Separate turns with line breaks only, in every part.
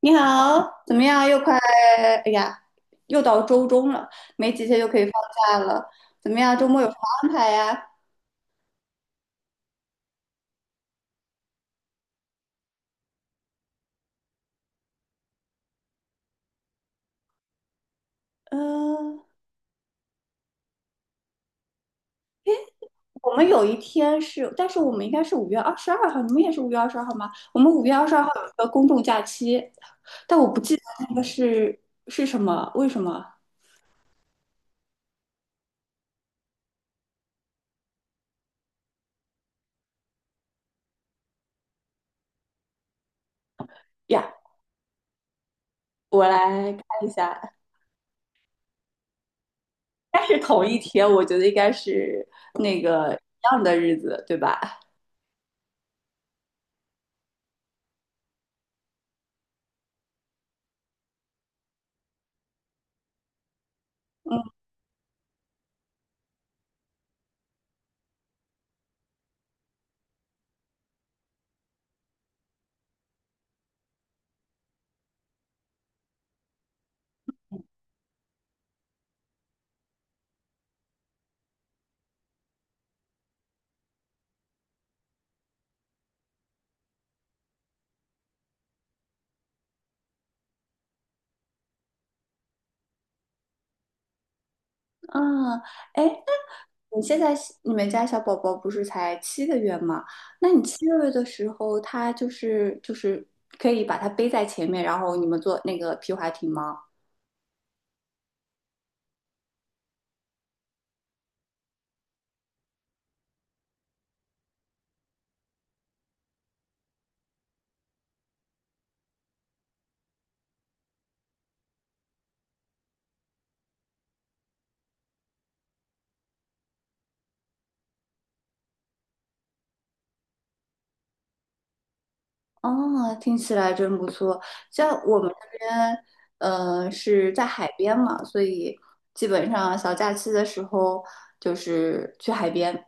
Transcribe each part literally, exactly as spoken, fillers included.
你好，怎么样？又快，哎呀，又到周中了，没几天就可以放假了。怎么样？周末有什么安排呀？嗯、我们有一天是，但是我们应该是五月二十二号，你们也是五月二十二号吗？我们五月二十二号有一个公众假期，但我不记得那个是是什么，为什么呀？我来看一下，但是同一天，我觉得应该是那个一样的日子，对吧？嗯啊，哎。你现在你们家小宝宝不是才七个月吗？那你七个月的时候，他就是就是可以把他背在前面，然后你们坐那个皮划艇吗？哦，听起来真不错。像我们这边，呃，是在海边嘛，所以基本上小假期的时候就是去海边。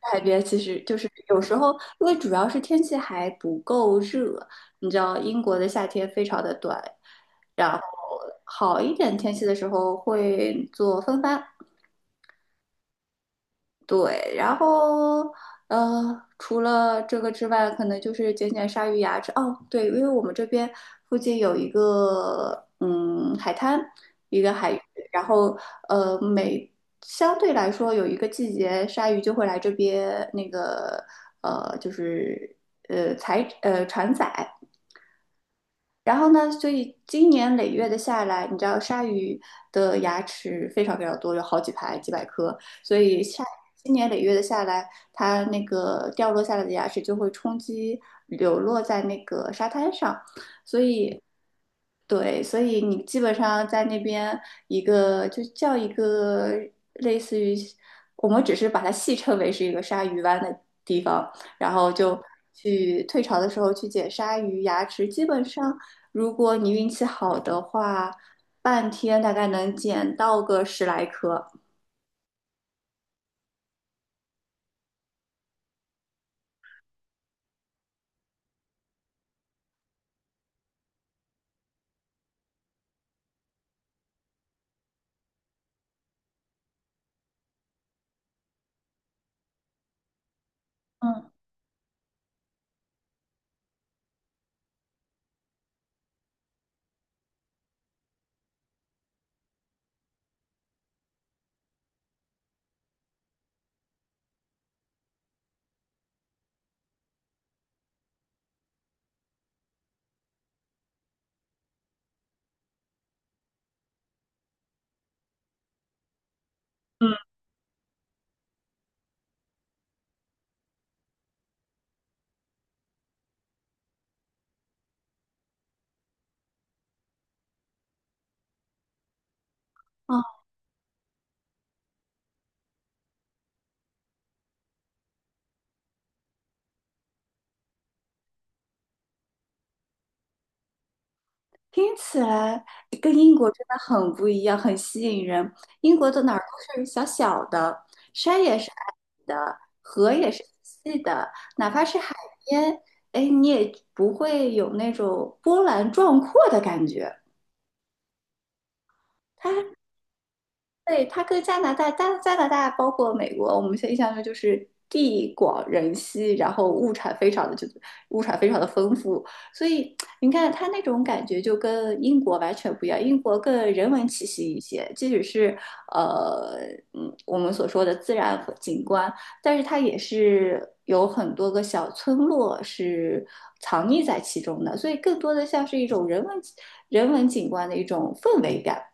海边其实就是有时候，因为主要是天气还不够热，你知道英国的夏天非常的短，然后好一点天气的时候会做风帆，对，然后呃，除了这个之外，可能就是捡捡鲨鱼牙齿。哦，对，因为我们这边附近有一个嗯海滩，一个海域，然后呃每相对来说有一个季节，鲨鱼就会来这边那个呃就是呃采呃船仔，然后呢，所以今年累月的下来，你知道鲨鱼的牙齿非常非常多，有好几排、几百颗，所以下今年累月的下来，它那个掉落下来的牙齿就会冲击流落在那个沙滩上，所以。对，所以你基本上在那边一个就叫一个类似于，我们只是把它戏称为是一个鲨鱼湾的地方，然后就去退潮的时候去捡鲨鱼牙齿，基本上如果你运气好的话，半天大概能捡到个十来颗。听起来跟英国真的很不一样，很吸引人。英国的哪儿都是小小的，山也是矮的，河也是细的，哪怕是海边，哎，你也不会有那种波澜壮阔的感觉。对，它跟加拿大、加加拿大包括美国，我们现在印象中就是地广人稀，然后物产非常的就物产非常的丰富，所以你看它那种感觉就跟英国完全不一样，英国更人文气息一些，即使是呃嗯我们所说的自然景观，但是它也是有很多个小村落是藏匿在其中的，所以更多的像是一种人文人文景观的一种氛围感。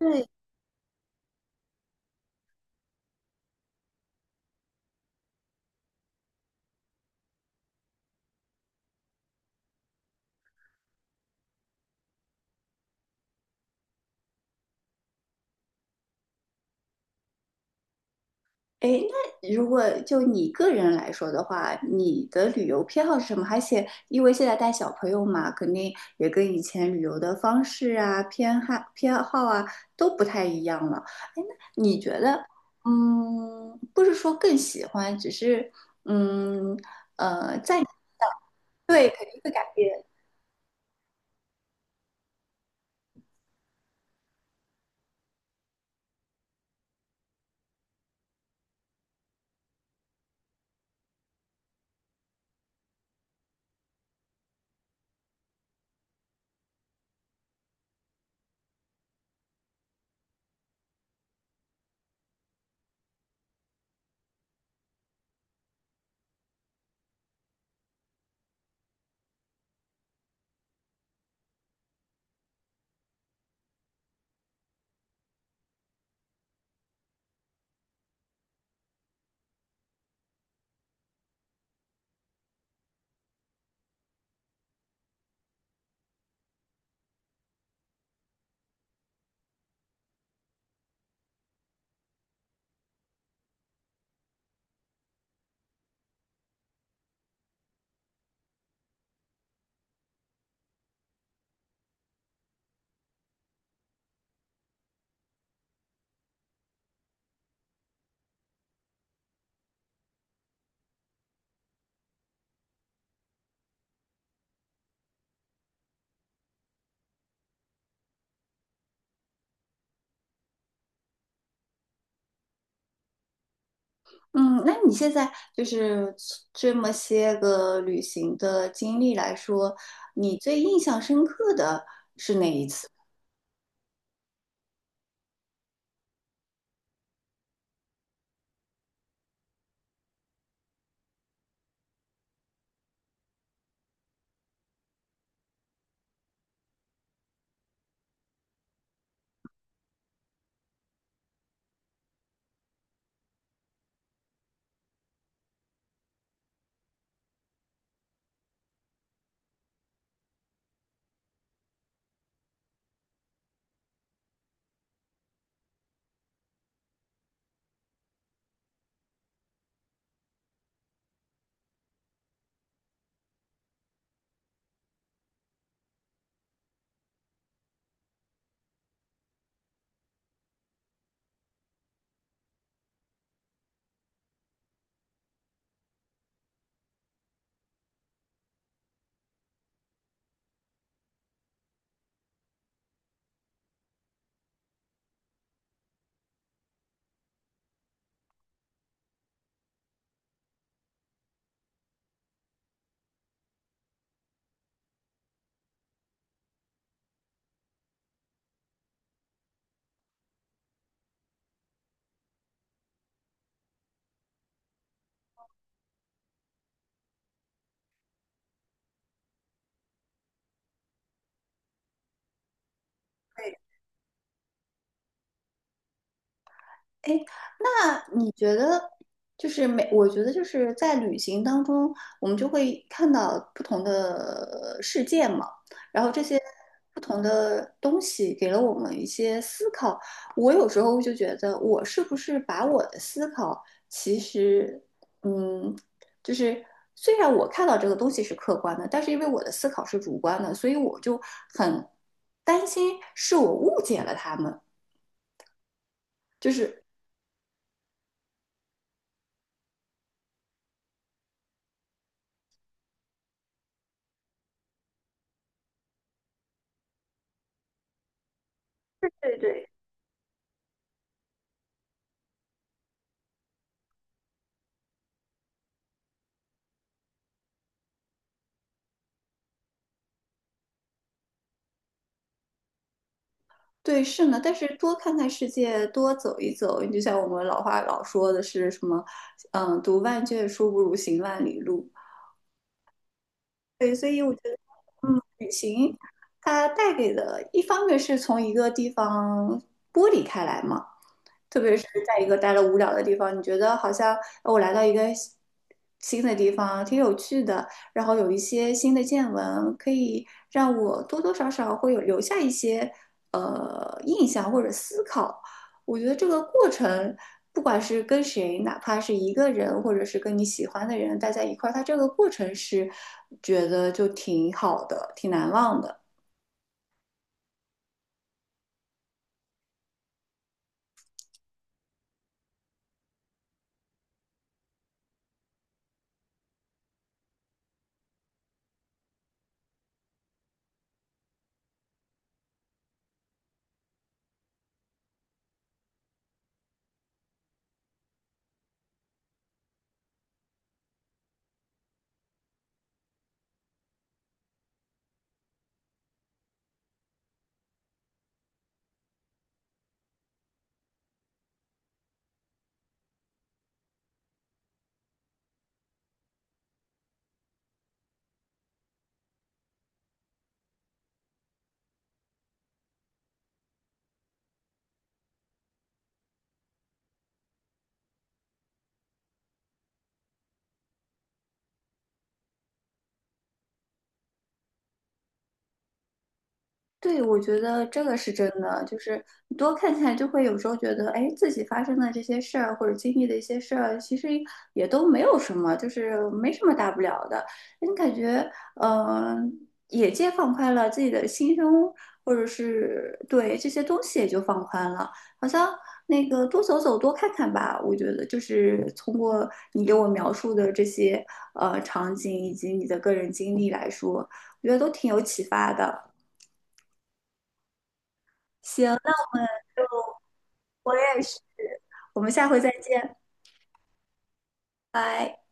对。诶，那如果就你个人来说的话，你的旅游偏好是什么？而且因为现在带小朋友嘛，肯定也跟以前旅游的方式啊、偏好偏好啊都不太一样了。诶，那你觉得，嗯，不是说更喜欢，只是嗯呃，在对肯定会改变。嗯，那你现在就是这么些个旅行的经历来说，你最印象深刻的？哎，那你觉得就是每，我觉得就是在旅行当中，我们就会看到不同的呃世界嘛，然后这些不同的东西给了我们一些思考。我有时候就觉得，我是不是把我的思考，其实，嗯，就是虽然我看到这个东西是客观的，但是因为我的思考是主观的，所以我就很担心是我误解了他们，就是。对对对。对，是呢，但是多看看世界，多走一走，你就像我们老话老说的是什么，嗯，读万卷书不如行万里路。对，所以我觉得旅行它带给的，一方面是从一个地方剥离开来嘛，特别是在一个待了无聊的地方，你觉得好像呃我来到一个新新的地方，挺有趣的，然后有一些新的见闻，可以让我多多少少会有留下一些呃印象或者思考。我觉得这个过程，不管是跟谁，哪怕是一个人，或者是跟你喜欢的人待在一块儿，它这个过程是觉得就挺好的，挺难忘的。对，我觉得这个是真的，就是你多看看，就会有时候觉得，哎，自己发生的这些事儿或者经历的一些事儿，其实也都没有什么，就是没什么大不了的。你感觉，嗯、眼界放宽了，自己的心胸或者是对这些东西也就放宽了，好像那个多走走，多看看吧。我觉得就是通过你给我描述的这些呃场景以及你的个人经历来说，我觉得都挺有启发的。行。我们下回再见，拜。